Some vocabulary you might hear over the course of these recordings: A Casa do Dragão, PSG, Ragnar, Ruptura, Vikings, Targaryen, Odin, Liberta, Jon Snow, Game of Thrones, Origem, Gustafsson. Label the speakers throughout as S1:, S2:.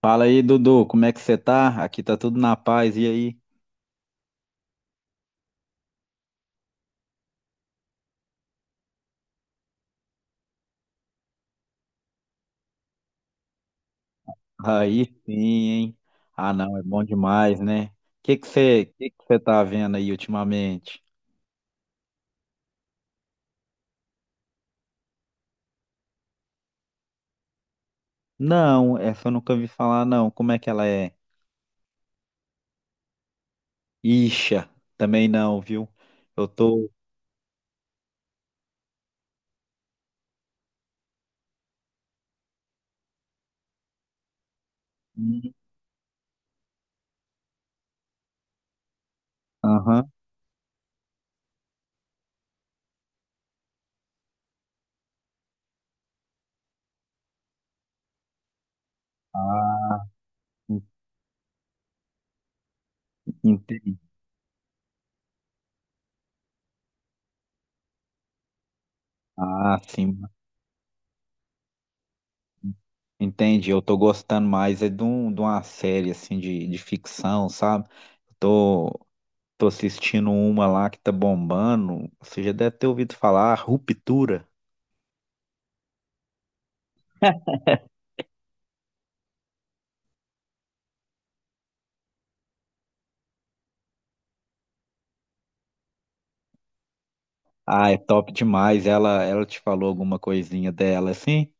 S1: Fala aí, Dudu, como é que você tá? Aqui tá tudo na paz, e aí? Aí sim, hein? Ah, não, é bom demais, né? O que que você tá vendo aí ultimamente? Não, essa eu nunca ouvi falar, não. Como é que ela é? Ixa, também não, viu? Eu tô. Hum, Aham. Ah, en- entendi. Ah, sim. Entendi, eu tô gostando mais é de uma série assim de ficção, sabe? Eu tô, Tô assistindo uma lá que tá bombando. Você já deve ter ouvido falar, Ruptura. Ah, é top demais. Ela te falou alguma coisinha dela, assim?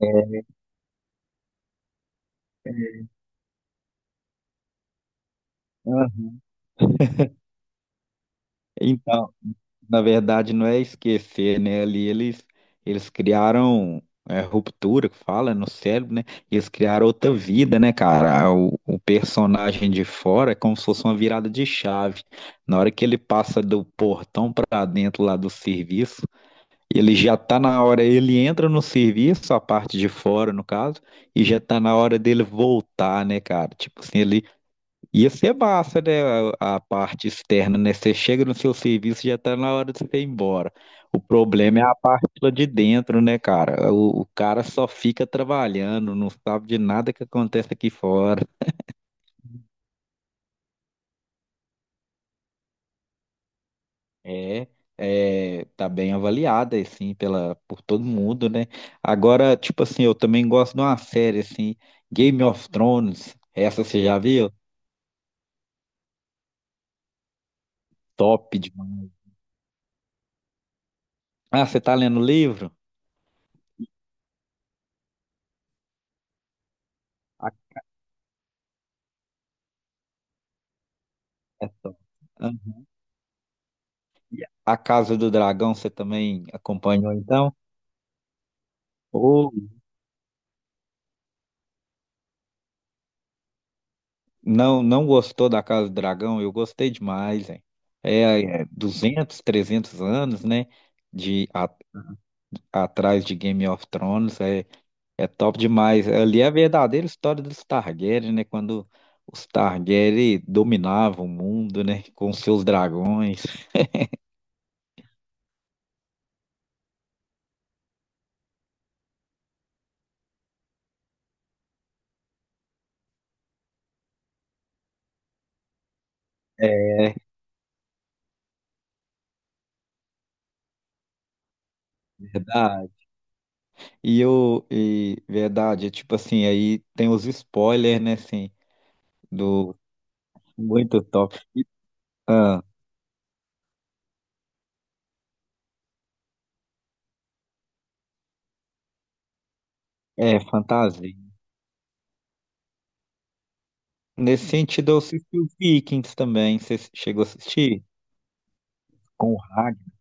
S1: É. Ela- Então, na verdade, não é esquecer, né? Ali eles criaram, ruptura, que fala, é no cérebro, né? Eles criaram outra vida, né, cara? O personagem de fora é como se fosse uma virada de chave. Na hora que ele passa do portão pra dentro lá do serviço, ele já está na hora, ele entra no serviço, a parte de fora, no caso, e já está na hora dele voltar, né, cara? Tipo assim, ele ia ser massa, né, a parte externa, né? Você chega no seu serviço, já está na hora de você ir embora. O problema é a parte lá de dentro, né, cara? O cara só fica trabalhando, não sabe de nada que acontece aqui fora. É, tá bem avaliada, assim, por todo mundo, né? Agora, tipo assim, eu também gosto de uma série, assim, Game of Thrones. Essa você já viu? Top demais. Ah, você tá lendo o livro? Ah, é top. Ah, A Casa do Dragão, você também acompanhou, então? Ou não, não gostou da Casa do Dragão? Eu gostei demais, hein? É, 200, 300 anos, né? De a- atrás de Game of Thrones, é top demais. Ali é a verdadeira história dos Targaryen, né? Quando os Targaryen dominavam o mundo, né? Com seus dragões. É verdade. E verdade, é tipo assim, aí tem os spoilers, né? Assim, do muito top. E, ah, é fantasia. Nesse sentido, eu assisti os Vikings também. Você chegou a assistir? Com o Ragnar.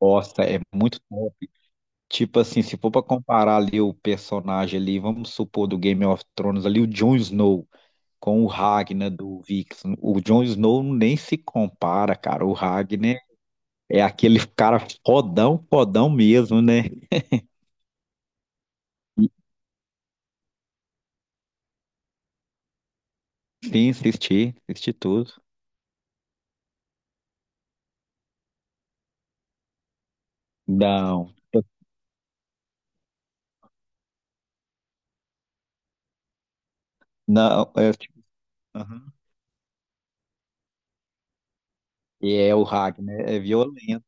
S1: Nossa, é muito top. Tipo assim, se for pra comparar ali o personagem ali, vamos supor do Game of Thrones ali, o Jon Snow com o Ragnar do Vikings. O Jon Snow nem se compara, cara. O Ragnar é aquele cara fodão, fodão mesmo, né? Sim, assisti, assisti tudo. Não, não, é, tipo, aham. E é o Ragnar, é violento.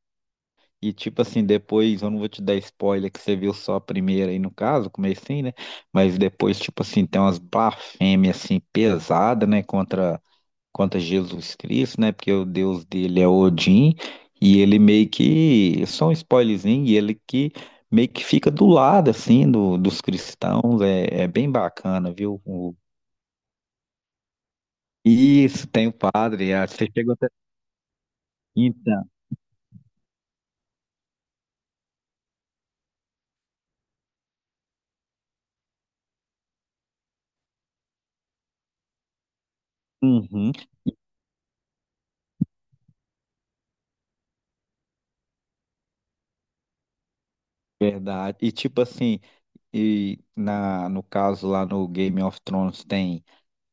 S1: E tipo assim, depois, eu não vou te dar spoiler que você viu só a primeira aí no caso, comecei, né? Mas depois, tipo assim, tem umas blasfêmias assim pesadas, né, contra Jesus Cristo, né? Porque o Deus dele é Odin, e ele meio que só um spoilerzinho, e ele que meio que fica do lado assim dos cristãos, é bem bacana, viu? Isso, tem o padre, ah, você chegou até. Então, uhum, verdade. E tipo assim, na, no caso lá no Game of Thrones tem,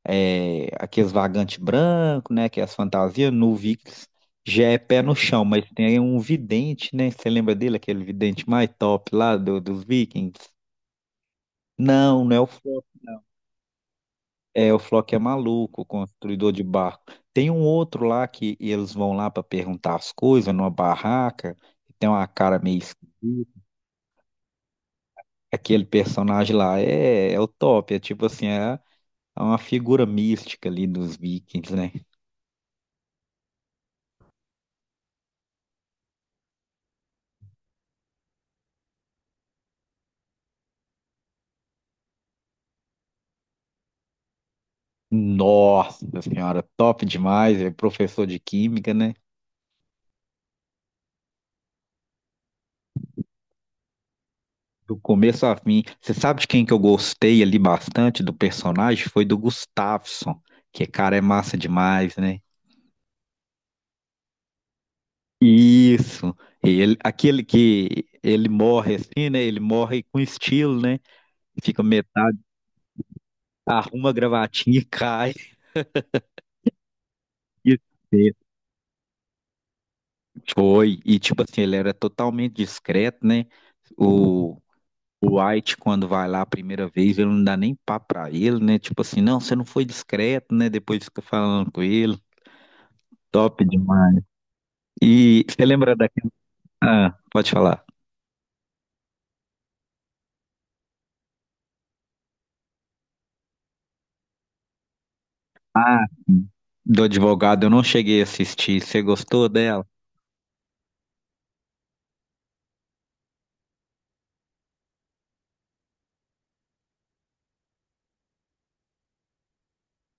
S1: aqueles vagantes brancos, né? Que é as fantasias. No Vikings já é pé no chão, mas tem um vidente, né? Você lembra dele, aquele vidente mais top lá dos Vikings? Não, não é o Flock, não. É, o Flock é maluco, construidor de barco. Tem um outro lá que eles vão lá para perguntar as coisas numa barraca, tem uma cara meio esquisita. Aquele personagem lá é o top, é tipo assim, é uma figura mística ali dos Vikings, né? Nossa senhora, top demais. É professor de química, né? Do começo a fim. Você sabe de quem que eu gostei ali bastante do personagem? Foi do Gustafsson, que cara é massa demais, né? Isso. Aquele que ele morre assim, né? Ele morre com estilo, né? Fica metade, arruma a gravatinha e cai. E foi. E tipo assim, ele era totalmente discreto, né? O, O White, quando vai lá a primeira vez, ele não dá nem papo pra ele, né? Tipo assim, não, você não foi discreto, né? Depois fica falando com ele. Top demais. E você lembra daquela. Ah, pode falar. Do advogado, eu não cheguei a assistir. Você gostou dela?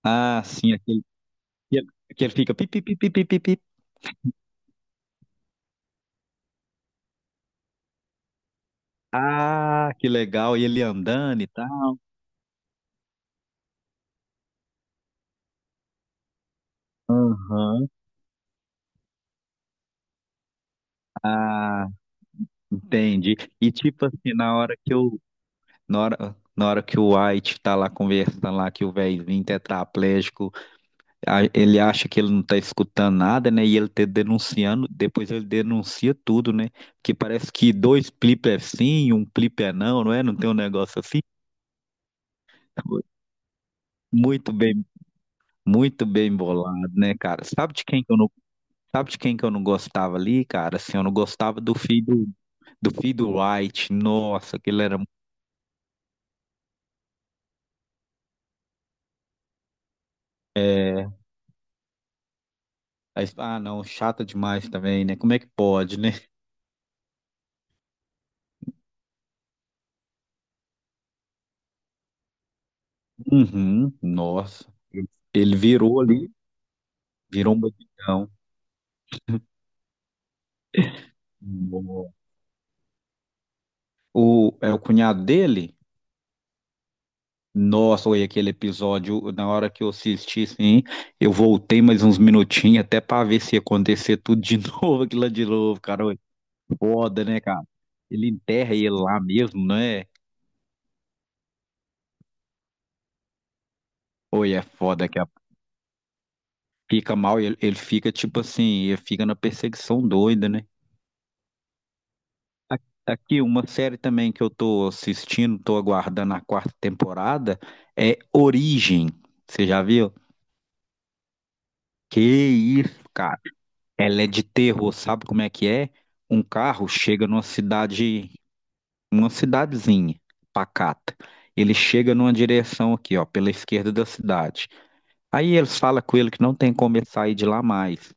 S1: Ah, sim, aquele que ele fica pi, pi, pi, pi, pi, pi, pi. Ah, que legal. E ele andando e tal. Aham. Ah, entendi. E tipo assim, na hora que eu. Na hora que o White tá lá conversando lá, que o velhinho tetraplégico ele acha que ele não está escutando nada, né? E ele tá denunciando, depois ele denuncia tudo, né? Porque parece que dois clipes é sim, um clipe é não, não é? Não tem um negócio assim. Muito bem, bolado, né, cara? Sabe de quem que eu não gostava ali, cara? Assim, eu não gostava do filho do White. Nossa, aquele era, é, ah, não, chata demais também, né? Como é que pode, né? Uhum, nossa. Ele virou ali, virou um bandidão. É o cunhado dele? Nossa, olha aquele episódio, na hora que eu assisti, sim, eu voltei mais uns minutinhos até para ver se ia acontecer tudo de novo, aquilo lá de novo, cara, oi, foda, né, cara? Ele enterra ele lá mesmo, né? Oi, é foda, fica mal, ele fica tipo assim, ele fica na perseguição doida, né? Tá aqui, uma série também que eu tô assistindo, tô aguardando a 4ª temporada, é Origem, você já viu? Que isso, cara? Ela é de terror, sabe como é que é? Um carro chega numa cidade, uma cidadezinha pacata. Ele chega numa direção aqui, ó, pela esquerda da cidade. Aí eles falam com ele que não tem como ele sair de lá mais.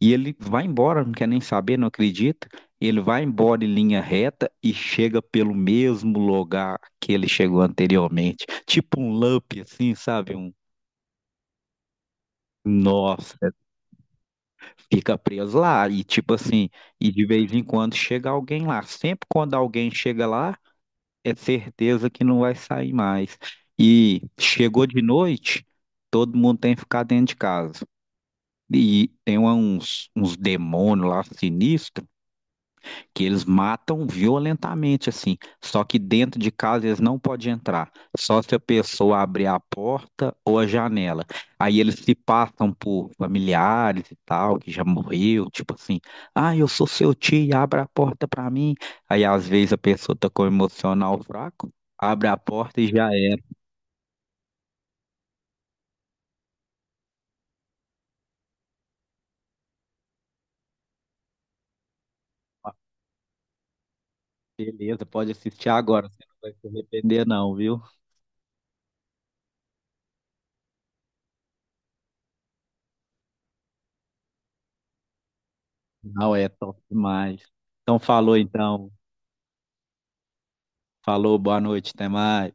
S1: E ele vai embora, não quer nem saber, não acredita. Ele vai embora em linha reta e chega pelo mesmo lugar que ele chegou anteriormente. Tipo um loop, assim, sabe? Nossa, fica preso lá. E tipo assim, e de vez em quando chega alguém lá. Sempre quando alguém chega lá, é certeza que não vai sair mais. E chegou de noite, todo mundo tem que ficar dentro de casa. E tem uns demônios lá sinistros que eles matam violentamente, assim. Só que dentro de casa eles não podem entrar, só se a pessoa abrir a porta ou a janela. Aí eles se passam por familiares e tal, que já morreu, tipo assim, ah, eu sou seu tio, abre a porta pra mim. Aí às vezes a pessoa tá com o emocional fraco, abre a porta e já era. Fala, beleza, pode assistir agora, você não vai se arrepender não, viu? Não, é top demais. Então, falou, boa noite, até mais.